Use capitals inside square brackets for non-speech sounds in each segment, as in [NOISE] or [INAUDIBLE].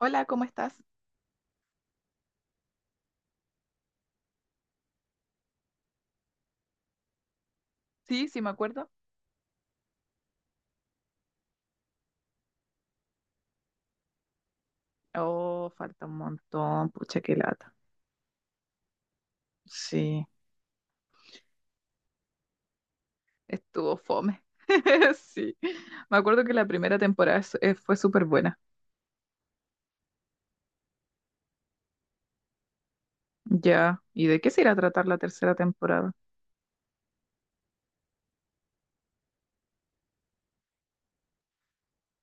Hola, ¿cómo estás? Sí, sí me acuerdo. Oh, falta un montón, pucha, qué lata. Sí, estuvo fome. [LAUGHS] Sí, me acuerdo que la primera temporada fue súper buena. Ya, ¿y de qué se irá a tratar la tercera temporada?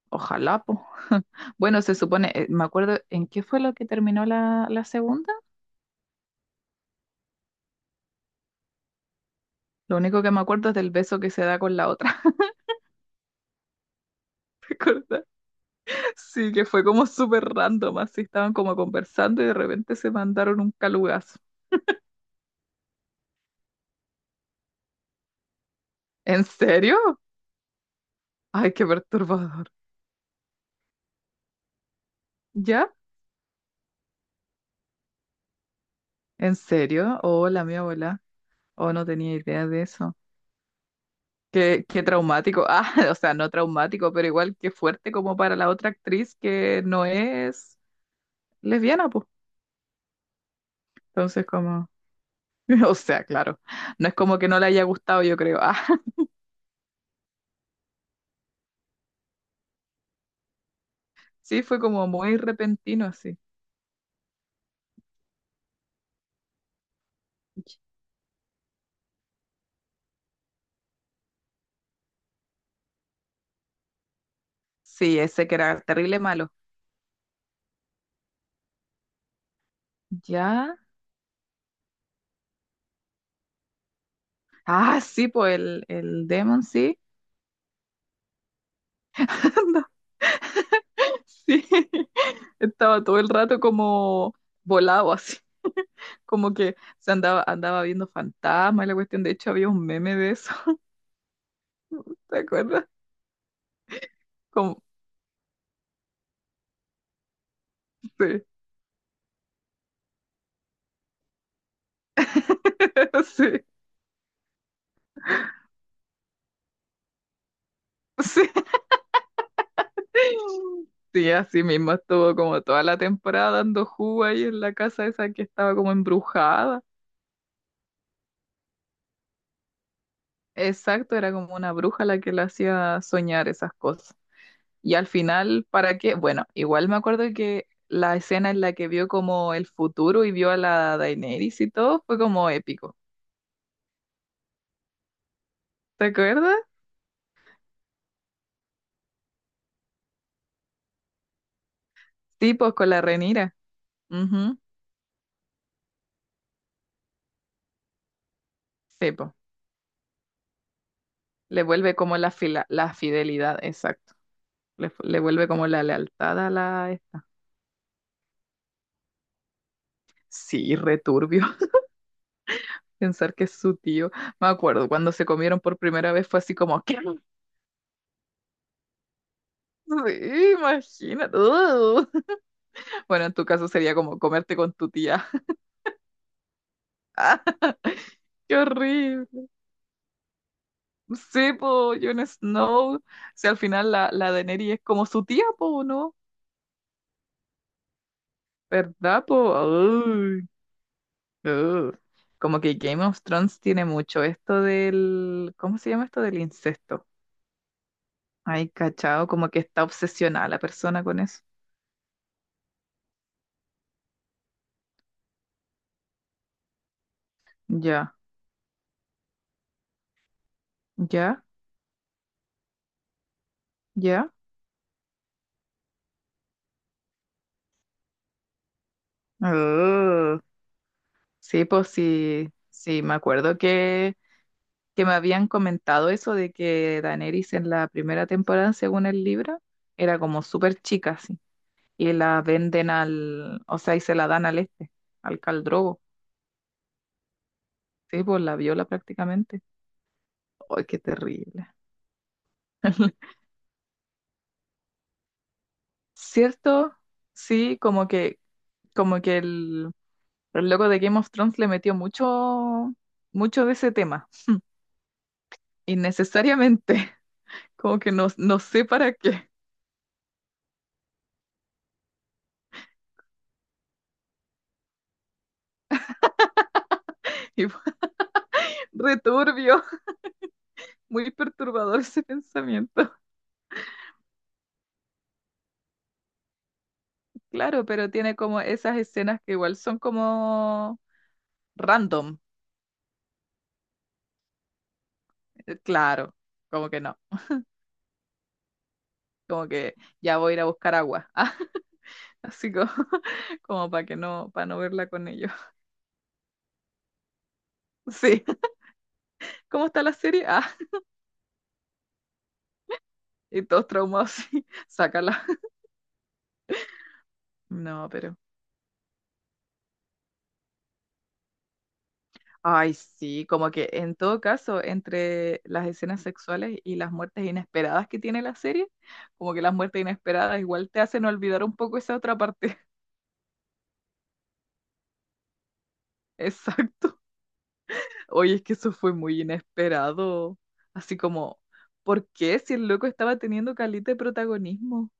Ojalá, po. [LAUGHS] Bueno, se supone, me acuerdo, ¿en qué fue lo que terminó la segunda? Lo único que me acuerdo es del beso que se da con la otra, [LAUGHS] ¿recuerdas? Sí, que fue como súper random, así estaban como conversando y de repente se mandaron un calugazo. ¿En serio? Ay, qué perturbador. ¿Ya? ¿En serio? Hola, mi abuela. Oh, no tenía idea de eso. Qué, qué traumático. [LAUGHS] Ah, o sea, no traumático, pero igual qué fuerte como para la otra actriz que no es lesbiana, pues. Entonces, como, [LAUGHS] o sea, claro, no es como que no le haya gustado, yo creo. Ah, [LAUGHS] sí, fue como muy repentino, así. Sí, ese que era terrible malo. ¿Ya? Ah, sí, pues el Demon, sí. [LAUGHS] Sí. Estaba todo el rato como volado [LAUGHS] así, como que se andaba, andaba viendo fantasmas y la cuestión. De hecho, había un meme de eso, [LAUGHS] ¿te acuerdas? Como, sí, [LAUGHS] sí, sí. Sí, así mismo estuvo como toda la temporada dando jugo ahí en la casa esa que estaba como embrujada. Exacto, era como una bruja la que le hacía soñar esas cosas. Y al final, ¿para qué? Bueno, igual me acuerdo que la escena en la que vio como el futuro y vio a la Daenerys y todo fue como épico. ¿Te acuerdas? Sí, pues con la Renira. Ujú. Sí, pues. Le vuelve como la fila, la fidelidad, exacto. Le, le vuelve como la lealtad a la esta. Sí, returbio. [LAUGHS] Pensar que es su tío. Me acuerdo, cuando se comieron por primera vez fue así como, ¿qué? Sí, imagínate. [LAUGHS] Bueno, en tu caso sería como comerte con tu tía. [LAUGHS] ¡Qué horrible! Sí, po, Jon Snow. Si al final la Daenerys es como su tía, po, ¿no? ¿Verdad, po? Ay, ugh. Como que Game of Thrones tiene mucho esto del... ¿Cómo se llama esto del incesto? Ay, cachao, como que está obsesionada la persona con eso. Ya, ya, ya. Ugh. Sí, pues sí, sí, me acuerdo que me habían comentado eso de que Daenerys en la primera temporada, según el libro, era como súper chica, y la venden al, o sea, y se la dan al este, al Caldrogo. Sí, pues la viola prácticamente. ¡Ay, qué terrible! ¿Cierto? Sí, como que el loco de Game of Thrones le metió mucho, mucho de ese tema, innecesariamente. [LAUGHS] Como que no, no sé para qué. [LAUGHS] Y fue re muy perturbador ese pensamiento. Claro, pero tiene como esas escenas que igual son como random. Claro, como que no, como que ya voy a ir a buscar agua. Ah, [LAUGHS] así como, [LAUGHS] como para que no, para no verla con ellos. [LAUGHS] Sí, ¿cómo está la serie? Ah, y todos traumados, sí, [LAUGHS] sácala. No, pero. Ay, sí, como que en todo caso, entre las escenas sexuales y las muertes inesperadas que tiene la serie, como que las muertes inesperadas igual te hacen olvidar un poco esa otra parte. [LAUGHS] Exacto. Oye, es que eso fue muy inesperado. Así como, ¿por qué si el loco estaba teniendo calita de protagonismo?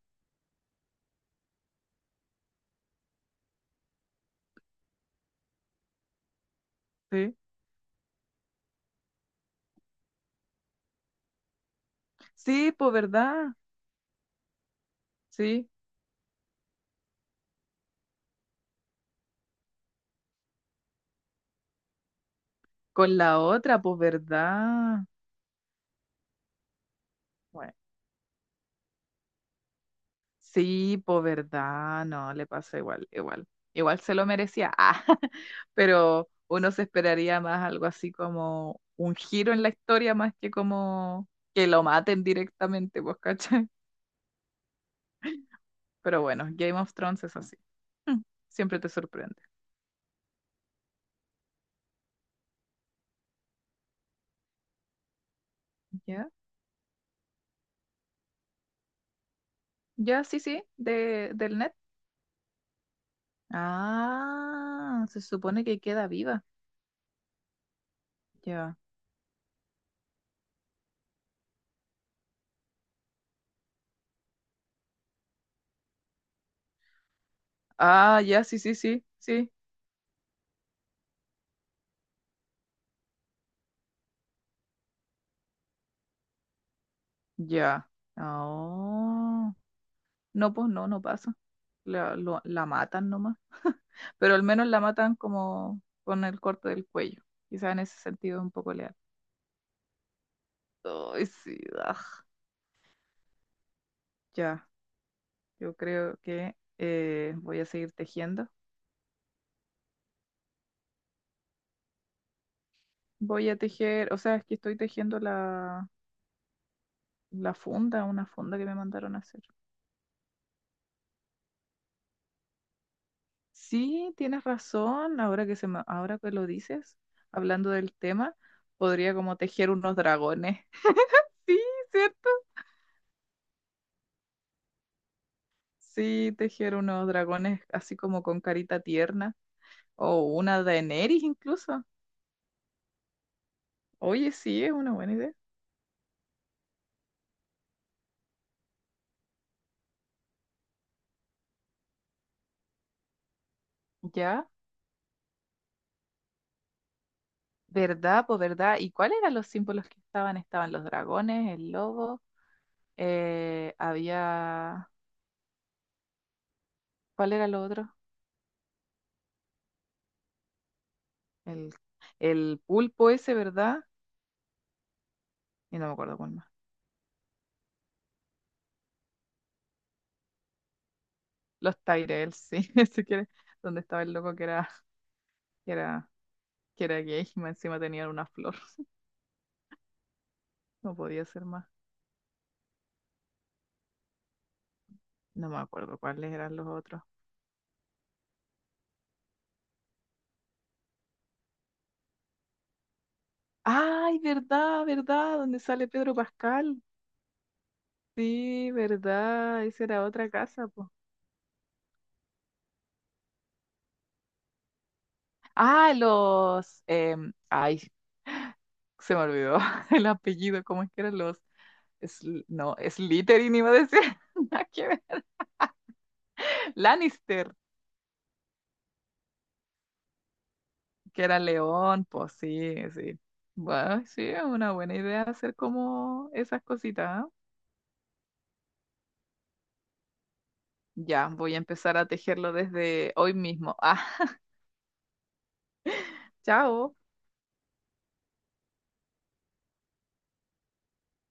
Sí. Sí, pues verdad. Sí. Con la otra, pues verdad. Bueno, sí, pues verdad. No, le pasó igual, igual. Igual se lo merecía. Ah, [LAUGHS] pero uno se esperaría más algo así como un giro en la historia más que como que lo maten directamente, pues, ¿cachai? Pero bueno, Game of Thrones es así. Mm, siempre te sorprende. ¿Ya? Ya, sí, sí, de, del net. Ah, se supone que queda viva. Ya. Ah, ya, sí, sí, sí, sí, ya. Ah, no, pues no, no pasa. La, la matan nomás. [LAUGHS] Pero al menos la matan como con el corte del cuello. Quizás en ese sentido es un poco leal. Ay, sí, aj. Ya, yo creo que voy a seguir tejiendo. Voy a tejer, o sea, es que estoy tejiendo la, la funda, una funda que me mandaron a hacer. Sí, tienes razón, ahora que ahora que lo dices, hablando del tema, podría como tejer unos dragones. [LAUGHS] Sí, ¿cierto? Sí, tejer unos dragones así como con carita tierna o una Daenerys incluso. Oye, sí, es una buena idea. Ya, ¿verdad? Pues verdad. ¿Y cuáles eran los símbolos que estaban? Estaban los dragones, el lobo, había... ¿Cuál era lo otro? El, el pulpo ese, ¿verdad? Y no me acuerdo cuál más. Los Tyrell, sí, [LAUGHS] si quieres, donde estaba el loco que era, que era, que era gay y más encima tenía una flor. No podía ser más. No me acuerdo cuáles eran los otros. ¡Ay, verdad, verdad! Donde sale Pedro Pascal. Sí, verdad. Esa era otra casa, pues. Ah, los. Ay, se me olvidó [LAUGHS] el apellido. ¿Cómo es que eran los? No, Slytherin iba a decir. [LAUGHS] Nada que ver. Lannister. Que era león, pues sí, sí. Bueno, sí, es una buena idea hacer como esas cositas. ¿Ah? Ya, voy a empezar a tejerlo desde hoy mismo. [LAUGHS] Ah, chao.